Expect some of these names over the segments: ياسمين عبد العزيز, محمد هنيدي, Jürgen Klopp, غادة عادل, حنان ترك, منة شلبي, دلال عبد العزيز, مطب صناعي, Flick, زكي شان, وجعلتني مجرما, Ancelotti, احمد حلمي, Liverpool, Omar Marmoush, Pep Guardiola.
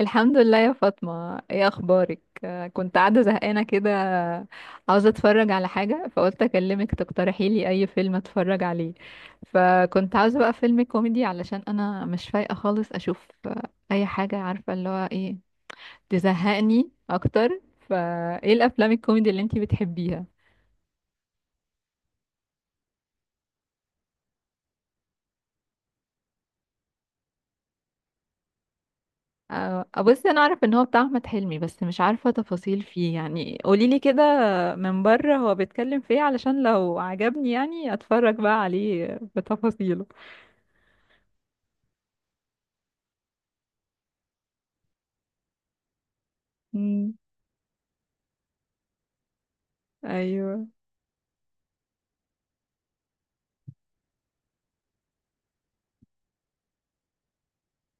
الحمد لله يا فاطمة، ايه اخبارك؟ كنت قاعدة زهقانة كده، عاوزة اتفرج على حاجة، فقلت اكلمك تقترحي لي اي فيلم اتفرج عليه. فكنت عاوزة بقى فيلم كوميدي، علشان انا مش فايقة خالص اشوف اي حاجة، عارفة اللي هو ايه، تزهقني اكتر. فايه الافلام الكوميدي اللي انتي بتحبيها؟ آه، آه، بصي انا اعرف ان هو بتاع احمد حلمي، بس مش عارفه تفاصيل فيه، يعني قوليلي كده من بره، هو بيتكلم في ايه، علشان لو عجبني يعني اتفرج بقى عليه بتفاصيله. امم. ايوه.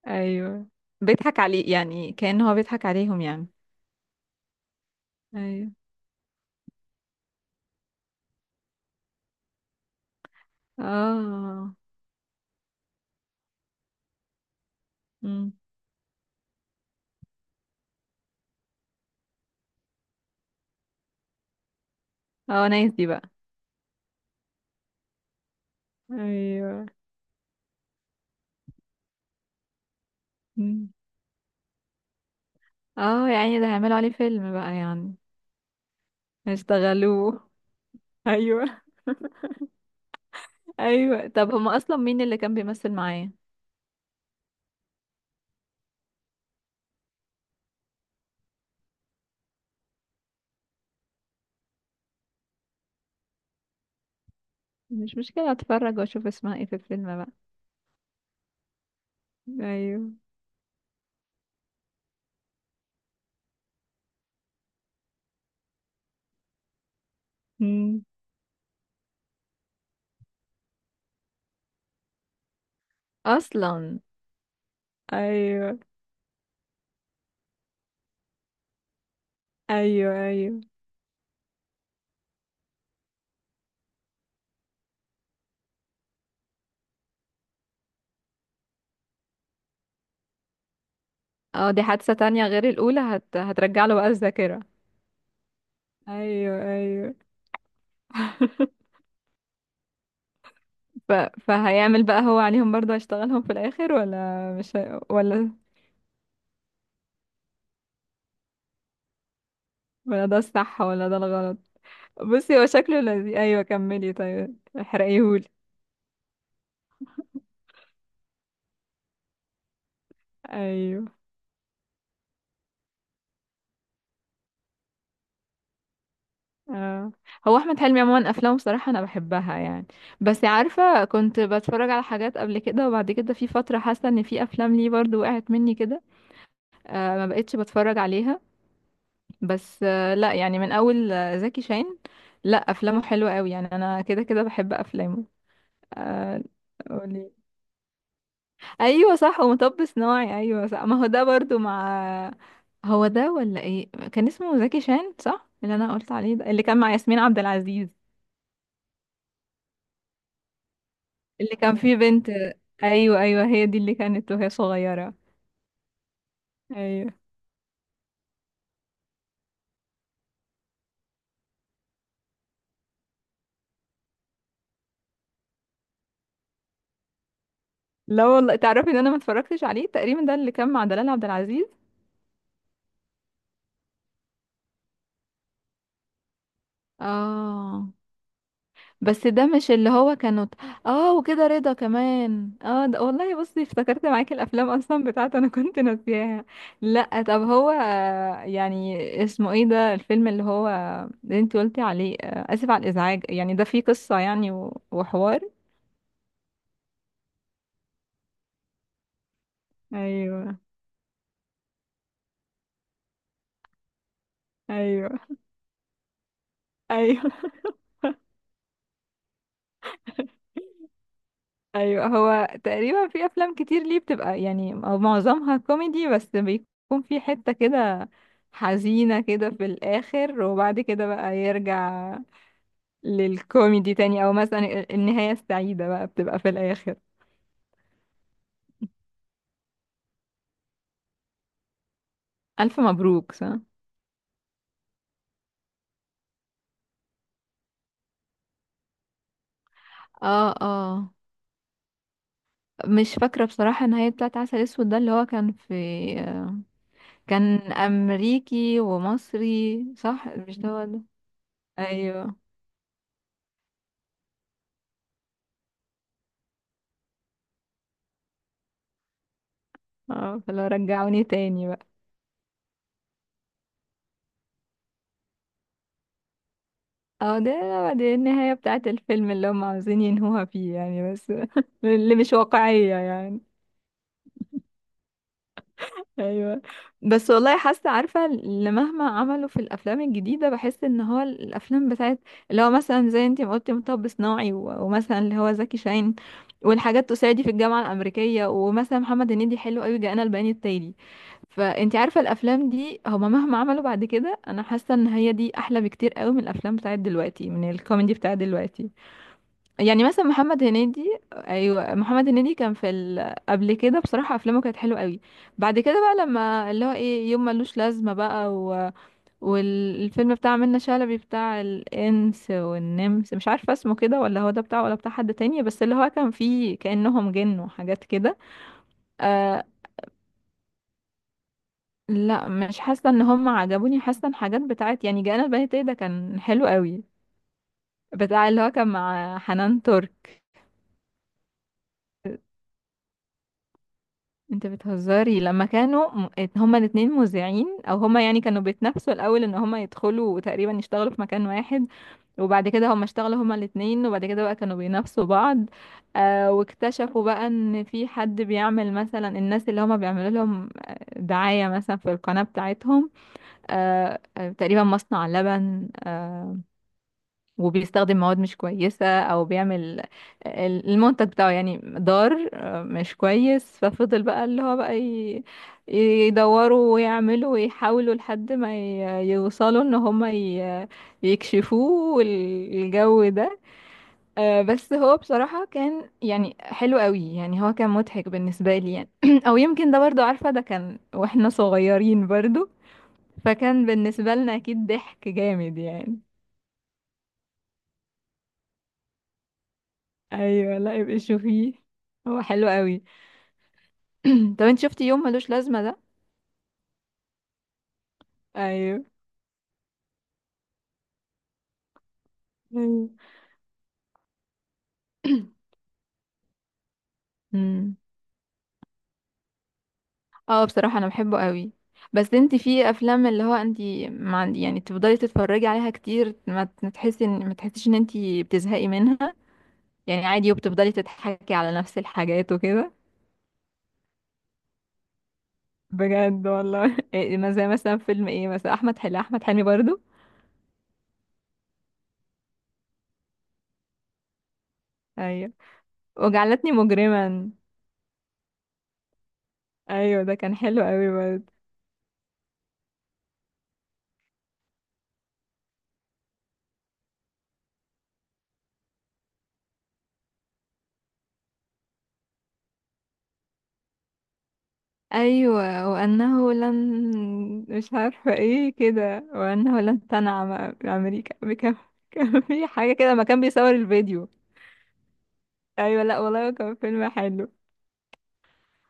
ايوه بيضحك عليه، يعني كأن هو بيضحك عليهم يعني. ايوه. اه. امم. اه، نايس دي بقى. ايوه. مم. اه، يعني ده هيعملوا عليه فيلم بقى يعني؟ هيشتغلوه. ايوه. ايوه، طب هما اصلا مين اللي كان بيمثل معاه؟ مش مشكلة، اتفرج واشوف اسمها ايه في الفيلم بقى. ايوه. مم. اصلا. ايوه. ايوه. ايوه. اه، دي حادثة تانية غير الاولى، هترجع له بقى الذاكرة. ايوه. ايوه. ف... فهيعمل بقى هو عليهم برضو، هيشتغلهم في الاخر، ولا مش هي... ولا ده الصح ولا ده الغلط؟ بصي هو شكله لذيذ، ايوه كملي، طيب احرقيهولي. ايوه. اه، هو احمد حلمي عموما افلامه بصراحه انا بحبها يعني، بس عارفه كنت بتفرج على حاجات قبل كده وبعد كده في فتره، حاسه ان في افلام ليه برضو وقعت مني كده، ما بقتش بتفرج عليها. بس لا يعني، من اول زكي شان، لا افلامه حلوه قوي يعني، انا كده كده بحب افلامه. آه. قولي. ايوه صح، ومطب صناعي، ايوه صح، ما هو ده برضو مع. هو ده ولا ايه؟ كان اسمه زكي شان صح اللي انا قلت عليه ده، اللي كان مع ياسمين عبد العزيز؟ اللي كان فيه بنت. ايوه، ايوه هي دي اللي كانت وهي صغيره. ايوه. لا والله، تعرفي ان انا ما اتفرجتش عليه تقريبا، ده اللي كان مع دلال عبد العزيز. اه. بس ده مش اللي هو كانوا. اه، وكده رضا كمان، اه ده والله، بصي افتكرت معاكي الافلام اصلا بتاعته انا كنت ناسياها. لا طب هو يعني اسمه ايه ده الفيلم اللي هو اللي انت قلتي عليه اسف على الازعاج، يعني ده فيه قصه يعني وحوار؟ ايوه. ايوه. ايوه. ايوه. هو تقريبا في افلام كتير ليه بتبقى يعني، او معظمها كوميدي، بس بيكون في حتة كده حزينة كده في الاخر، وبعد كده بقى يرجع للكوميدي تاني، او مثلا النهاية السعيدة بقى بتبقى في الاخر. الف مبروك صح. اه. اه، مش فاكرة بصراحة النهاية بتاعت عسل اسود ده اللي هو كان في. كان امريكي ومصري صح، مش ده هو ده؟ ايوه. اه، فلو رجعوني تاني بقى. اه، ده دي النهاية بتاعة الفيلم اللي هم عاوزين ينهوها فيه يعني، بس اللي مش واقعية يعني. ايوه، بس والله حاسة، عارفة اللي مهما عملوا في الافلام الجديدة، بحس ان هو الافلام بتاعت اللي هو مثلا زي انتي ما قلتي مطب صناعي ومثلا اللي هو زكي شاهين والحاجات، تساعدي في الجامعة الامريكية، ومثلا محمد هنيدي حلو قوي جاءنا البيان التالي، فانتي عارفة الافلام دي هما مهما عملوا بعد كده، انا حاسة ان هي دي احلى بكتير قوي من الافلام بتاعت دلوقتي، من الكوميدي بتاعت دلوقتي. يعني مثلا محمد هنيدي، ايوه محمد هنيدي كان في قبل كده بصراحه افلامه كانت حلوه قوي، بعد كده بقى لما اللي هو ايه يوم ملوش لازمه بقى والفيلم بتاع منة شلبي بتاع الانس والنمس، مش عارفه اسمه كده ولا هو ده بتاعه ولا بتاع حد تاني، بس اللي هو كان فيه كانهم جن وحاجات كده. آه لا مش حاسه ان هم عجبوني، حاسه ان حاجات بتاعت يعني جانا البيت ده كان حلو قوي، بتاع اللي هو كان مع حنان ترك. انت بتهزري، لما كانوا هما الاتنين مذيعين، او هما يعني كانوا بيتنافسوا الاول ان هما يدخلوا وتقريبا يشتغلوا في مكان واحد، وبعد كده هما اشتغلوا هما الاتنين، وبعد كده بقى كانوا بينافسوا بعض، واكتشفوا بقى ان في حد بيعمل مثلا الناس اللي هما بيعملوا لهم دعاية مثلا في القناة بتاعتهم، تقريبا مصنع لبن وبيستخدم مواد مش كويسة، او بيعمل المنتج بتاعه يعني ضار، مش كويس، ففضل بقى اللي هو بقى يدوروا ويعملوا ويحاولوا لحد ما يوصلوا ان هما يكشفوه الجو ده. بس هو بصراحة كان يعني حلو قوي يعني، هو كان مضحك بالنسبة لي يعني. او يمكن ده برضو، عارفة ده كان واحنا صغيرين برضو، فكان بالنسبة لنا اكيد ضحك جامد يعني. ايوه لا يبقى شوفيه، هو حلو قوي. طب انت شفتي يوم ملوش لازمه ده؟ ايوه. ايوه. امم. اه بصراحه انا بحبه قوي. بس انت في افلام اللي هو انت ما عندي يعني تفضلي تتفرجي عليها كتير، ما تحسي ان، ما تحسيش ان انت بتزهقي منها، يعني عادي وبتفضلي تضحكي على نفس الحاجات وكده. بجد والله. إيه، ما زي مثلا فيلم ايه، مثلا احمد حلمي، احمد حلمي برضو. ايوه، وجعلتني مجرما. ايوه ده كان حلو قوي برضو. ايوه، وانه لن مش عارفه ايه كده، وانه لن تنعم امريكا بكم، كان في حاجه كده ما كان بيصور الفيديو. ايوه لا والله كان فيلم حلو.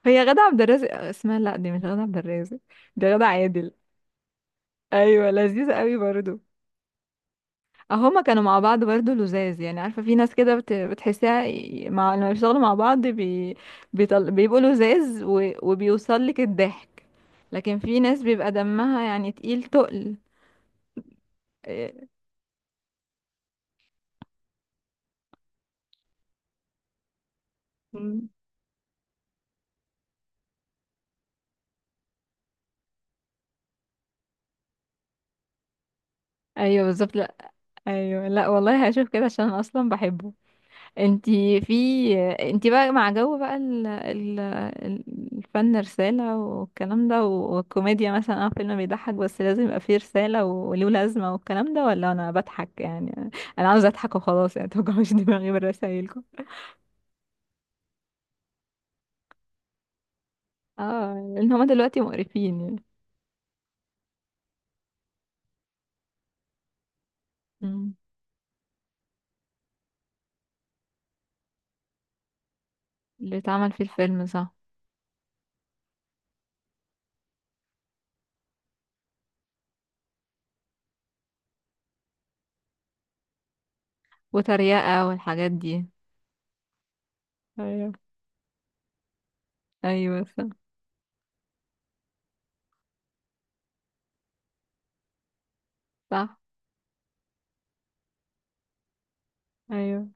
هي غادة عبد الرازق اسمها، لا دي مش غادة عبد الرازق، دي غادة عادل. ايوه لذيذه قوي برضو. اه هما كانوا مع بعض برضو لزاز يعني، عارفه في ناس كده بتحسها مع لما بيشتغلوا مع بعض بيبقوا لزاز وبيوصل لك الضحك. لكن في ناس بيبقى دمها يعني تقيل تقل. آه، مم. ايوه بالظبط. لا. ايوه، لا والله هشوف كده عشان أنا اصلا بحبه. انتي في. انتي بقى مع جو بقى الفن رسالة والكلام ده والكوميديا، مثلا اه فيلم بيضحك بس لازم يبقى فيه رسالة وله لازمة والكلام ده، ولا انا بضحك يعني؟ انا عاوزة اضحك وخلاص يعني، متوجعوش دماغي برسايلكم. اه لان هما دلوقتي مقرفين يعني. مم. اللي اتعمل فيه الفيلم صح. وتريقة والحاجات دي. ايوه. ايوه. صح. صح. ايوه.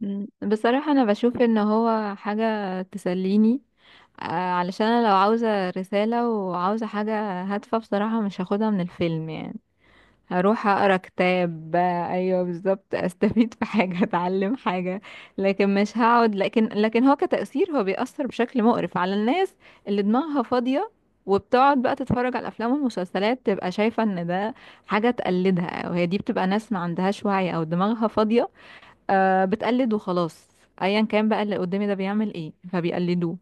مم. بصراحة أنا بشوف إن هو حاجة تسليني، آه، علشان أنا لو عاوزة رسالة وعاوزة حاجة هادفة بصراحة مش هاخدها من الفيلم يعني، هروح أقرأ كتاب. أيوه بالظبط. أستفيد في حاجة، أتعلم حاجة، لكن مش هقعد، لكن هو كتأثير هو بيأثر بشكل مقرف على الناس، اللي دماغها فاضية وبتقعد بقى تتفرج على الأفلام والمسلسلات، تبقى شايفة إن ده حاجة تقلدها، وهي دي بتبقى ناس ما عندهاش وعي أو دماغها فاضية، بتقلد وخلاص. ايا كان بقى اللي قدامي ده بيعمل ايه فبيقلدوه.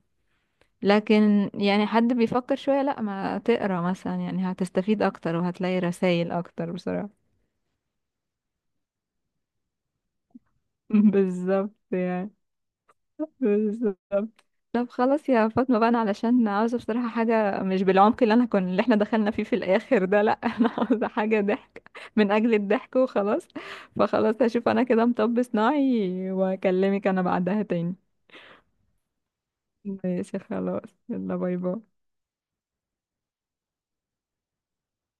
لكن يعني حد بيفكر شوية، لا ما تقرا مثلا يعني هتستفيد اكتر وهتلاقي رسائل اكتر بصراحة. بالظبط يعني، بالظبط. طب خلاص يا فاطمة بقى، انا علشان عاوزة بصراحة حاجة مش بالعمق اللي انا كنا اللي احنا دخلنا فيه في الاخر ده، لا. انا عاوزة حاجة ضحك من اجل الضحك وخلاص. فخلاص هشوف انا كده مطب صناعي واكلمك انا بعدها تاني. ماشي خلاص يلا باي باي.